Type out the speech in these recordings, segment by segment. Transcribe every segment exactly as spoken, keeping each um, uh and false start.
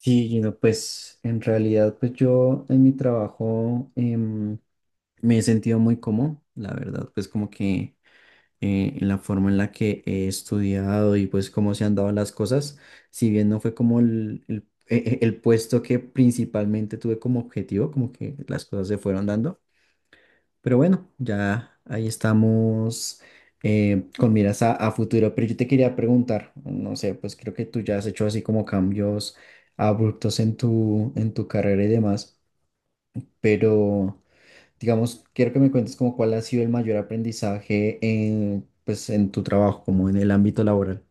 Sí, Gino, pues en realidad, pues yo en mi trabajo em, me he sentido muy cómodo, la verdad, pues como que eh, en la forma en la que he estudiado y pues cómo se han dado las cosas. Si bien no fue como el, el, e- e- el puesto que principalmente tuve como objetivo, como que las cosas se fueron dando. Pero bueno, ya ahí estamos eh, con miras a, a futuro. Pero yo te quería preguntar, no sé, pues creo que tú ya has hecho así como cambios abruptos en tu, en tu carrera y demás, pero digamos, quiero que me cuentes como cuál ha sido el mayor aprendizaje en, pues, en tu trabajo, como en el ámbito laboral.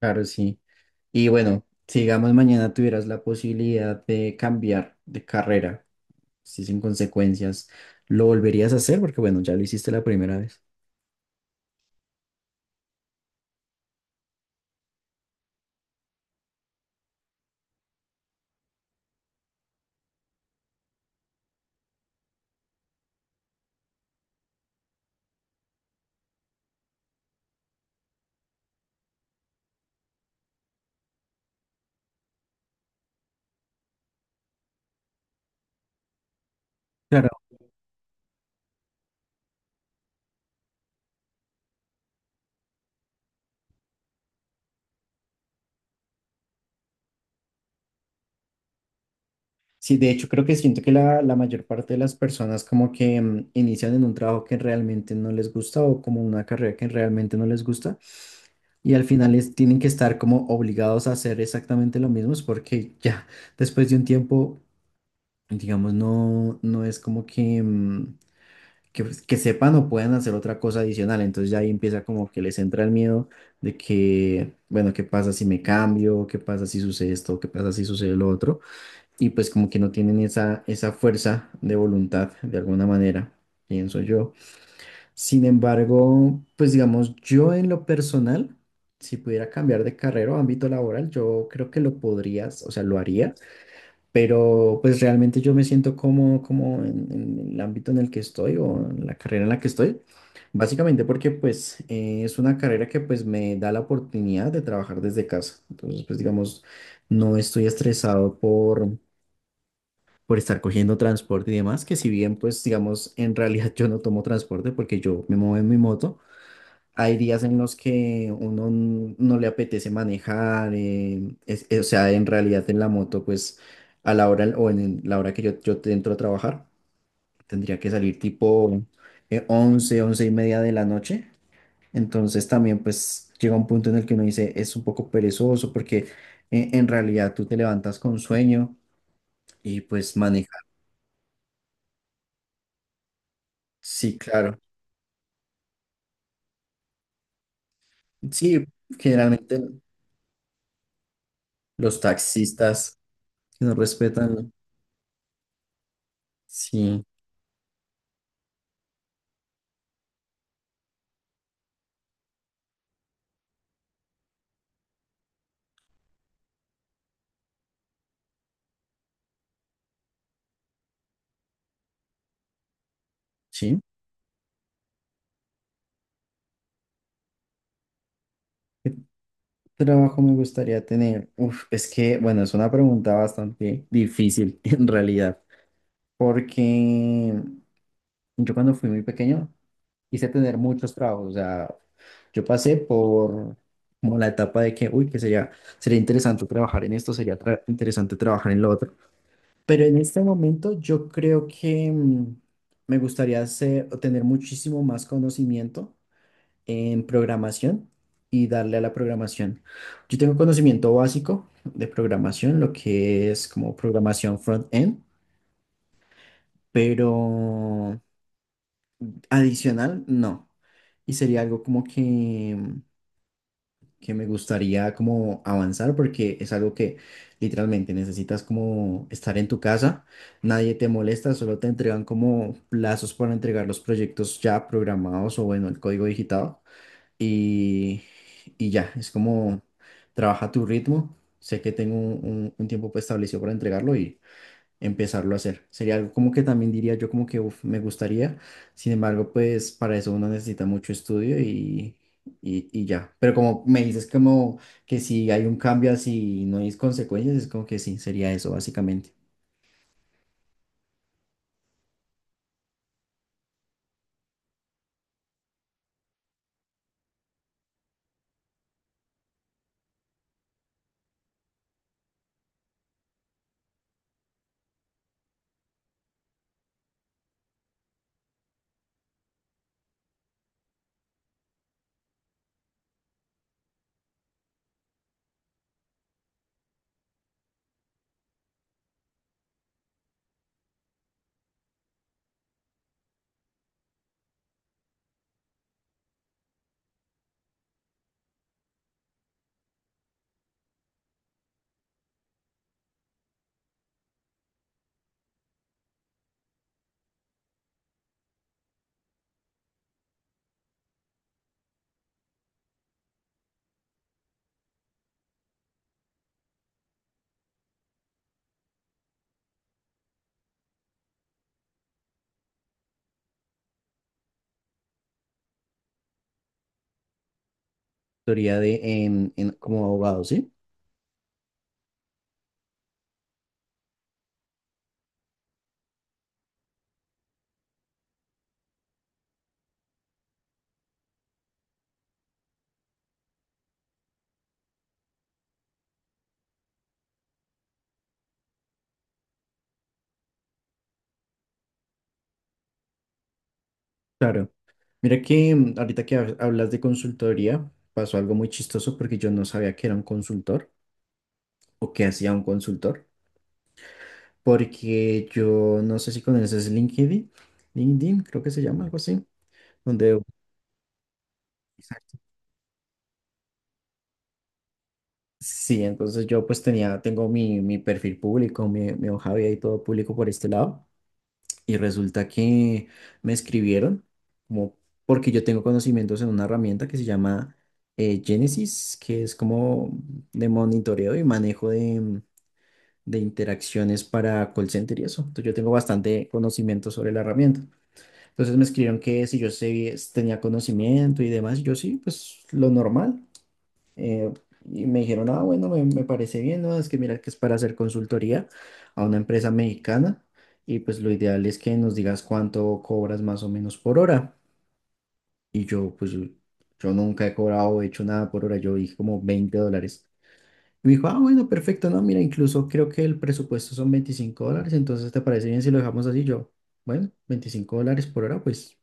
Claro, sí. Y bueno, si digamos mañana tuvieras la posibilidad de cambiar de carrera, sí, sin consecuencias, ¿lo volverías a hacer? Porque bueno, ya lo hiciste la primera vez. Claro. Sí, de hecho creo que siento que la, la mayor parte de las personas como que mm, inician en un trabajo que realmente no les gusta o como una carrera que realmente no les gusta y al final es- tienen que estar como obligados a hacer exactamente lo mismo. Es porque ya después de un tiempo, digamos, no, no es como que... mm, que, pues, que sepan o puedan hacer otra cosa adicional. Entonces ya ahí empieza como que les entra el miedo de que, bueno, ¿qué pasa si me cambio? ¿Qué pasa si sucede esto? ¿Qué pasa si sucede lo otro? Y pues como que no tienen esa, esa fuerza de voluntad de alguna manera, pienso yo. Sin embargo, pues digamos, yo en lo personal, si pudiera cambiar de carrera o ámbito laboral, yo creo que lo podrías, o sea, lo haría, pero pues realmente yo me siento cómodo como en, en el ámbito en el que estoy o en la carrera en la que estoy, básicamente porque pues eh, es una carrera que pues me da la oportunidad de trabajar desde casa. Entonces pues digamos, no estoy estresado por, por estar cogiendo transporte y demás, que si bien pues digamos, en realidad yo no tomo transporte porque yo me muevo en mi moto. Hay días en los que uno n- no le apetece manejar, eh, es- eh, o sea, en realidad en la moto, pues a la hora o en la hora que yo, yo te entro a trabajar, tendría que salir tipo eh, once, once y media de la noche. Entonces también pues llega un punto en el que uno dice, es un poco perezoso porque eh, en realidad tú te levantas con sueño y pues manejar. Sí, claro. Sí, generalmente los taxistas que no respetan, sí, sí. ¿Trabajo me gustaría tener? Uf, es que, bueno, es una pregunta bastante difícil en realidad, porque yo cuando fui muy pequeño quise tener muchos trabajos, o sea, yo pasé por como la etapa de que, uy, que sería, sería interesante trabajar en esto, sería tra- interesante trabajar en lo otro, pero en este momento yo creo que mm, me gustaría hacer- tener muchísimo más conocimiento en programación y darle a la programación. Yo tengo conocimiento básico de programación, lo que es como programación front-end, pero adicional no. Y sería algo como que, que me gustaría como avanzar porque es algo que literalmente necesitas como estar en tu casa, nadie te molesta, solo te entregan como plazos para entregar los proyectos ya programados o bueno, el código digitado. y, y ya, es como trabaja tu ritmo. Sé que tengo un, un- un tiempo pues, establecido para entregarlo y empezarlo a hacer. Sería algo como que también diría yo como que uf, me gustaría. Sin embargo, pues para eso uno necesita mucho estudio y, y, y ya. Pero como me dices como que si hay un cambio así y no hay consecuencias, es como que sí, sería eso básicamente. Teoría de en, en- como abogado, ¿sí? Claro. Mira que mm, ahorita que hab- hablas de consultoría, pasó algo muy chistoso porque yo no sabía que era un consultor o que hacía un consultor, porque yo no sé si conoces LinkedIn, LinkedIn creo que se llama algo así, donde. Exacto. Sí, entonces yo pues tenía, tengo mi, mi perfil público, mi, mi hoja de vida y todo público por este lado. Y resulta que me escribieron, como porque yo tengo conocimientos en una herramienta que se llama eh, Genesis, que es como de monitoreo y manejo de, de interacciones para call center y eso. Entonces yo tengo bastante conocimiento sobre la herramienta. Entonces me escribieron que si yo sé- tenía conocimiento y demás, y yo sí, pues lo normal. Eh, y me dijeron, ah, bueno, me, me parece bien, ¿no? Es que mira que es para hacer consultoría a una empresa mexicana y pues lo ideal es que nos digas cuánto cobras más o menos por hora. Y yo, pues yo nunca he cobrado o hecho nada por hora, yo dije como veinte dólares. Y me dijo, ah, bueno, perfecto, no, mira, incluso creo que el presupuesto son veinticinco dólares, entonces ¿te parece bien si lo dejamos así? Yo, bueno, veinticinco dólares por hora, pues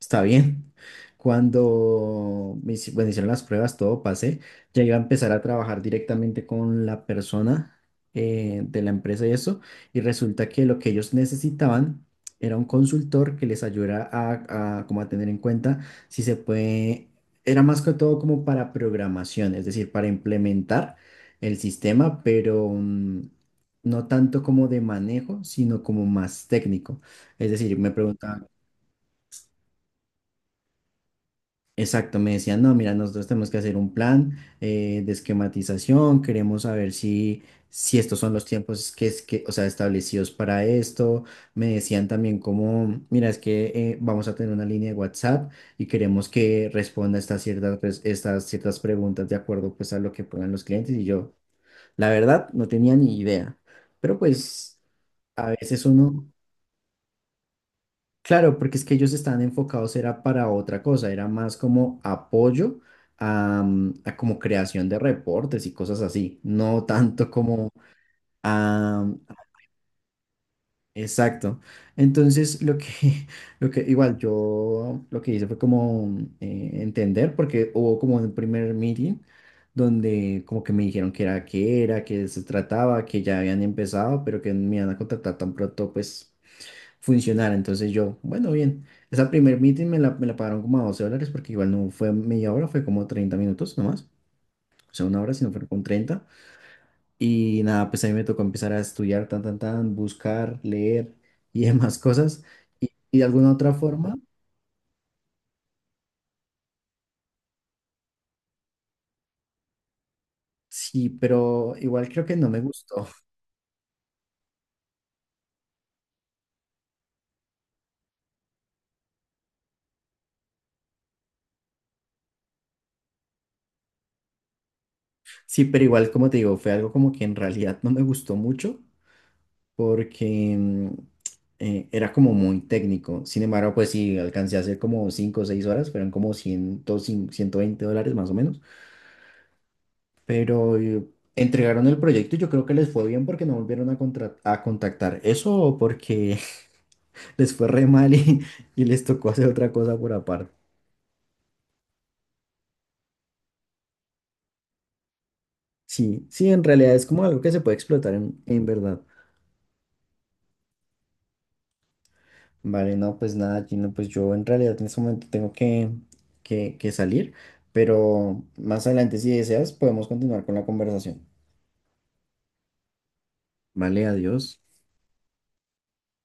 está bien. Cuando me, hici- bueno, hicieron las pruebas, todo pasé, ya iba a empezar a trabajar directamente con la persona eh, de la empresa y eso, y resulta que lo que ellos necesitaban era un consultor que les ayudara a, a como a tener en cuenta si se puede, era más que todo como para programación, es decir, para implementar el sistema, pero mm, no tanto como de manejo, sino como más técnico. Es decir, me preguntaban. Exacto, me decían, no, mira, nosotros tenemos que hacer un plan eh, de esquematización, queremos saber si, si estos son los tiempos que, es que, o sea, establecidos para esto. Me decían también como, mira, es que eh, vamos a tener una línea de WhatsApp y queremos que responda estas ciertas, pres- estas ciertas preguntas de acuerdo pues a lo que pongan los clientes. Y yo, la verdad, no tenía ni idea. Pero pues a veces uno. Claro, porque es que ellos estaban enfocados, era para otra cosa, era más como apoyo a, mm, a como creación de reportes y cosas así, no tanto como a. Exacto. Entonces, lo que, lo que igual yo lo que hice fue como eh, entender, porque hubo como un primer meeting donde como que me dijeron que era, qué era, que se trataba, que ya habían empezado, pero que me iban a contratar tan pronto, pues funcionara. Entonces yo, bueno, bien. Esa primer meeting me la, me la pagaron como a doce dólares porque igual no fue media hora, fue como treinta minutos nomás. O sea, una hora, sino fue con treinta. Y nada, pues a mí me tocó empezar a estudiar, tan, tan, tan, buscar, leer y demás cosas. Y, y de alguna otra forma, sí, pero igual creo que no me gustó. Sí, pero igual, como te digo, fue algo como que en realidad no me gustó mucho, porque mm, eh, era como muy técnico. Sin embargo, pues sí, alcancé a hacer como cinco o seis horas, fueron como cien, ciento veinte dólares más o menos. Pero eh, entregaron el proyecto y yo creo que les fue bien porque no volvieron a, contra- a contactar. Eso o porque les fue re mal y, y les tocó hacer otra cosa por aparte. Sí, sí, en realidad es como algo que se puede explotar en, en verdad. Vale, no, pues nada, Gino, pues yo en realidad en este momento tengo que, que, que salir, pero más adelante si deseas podemos continuar con la conversación. Vale, adiós.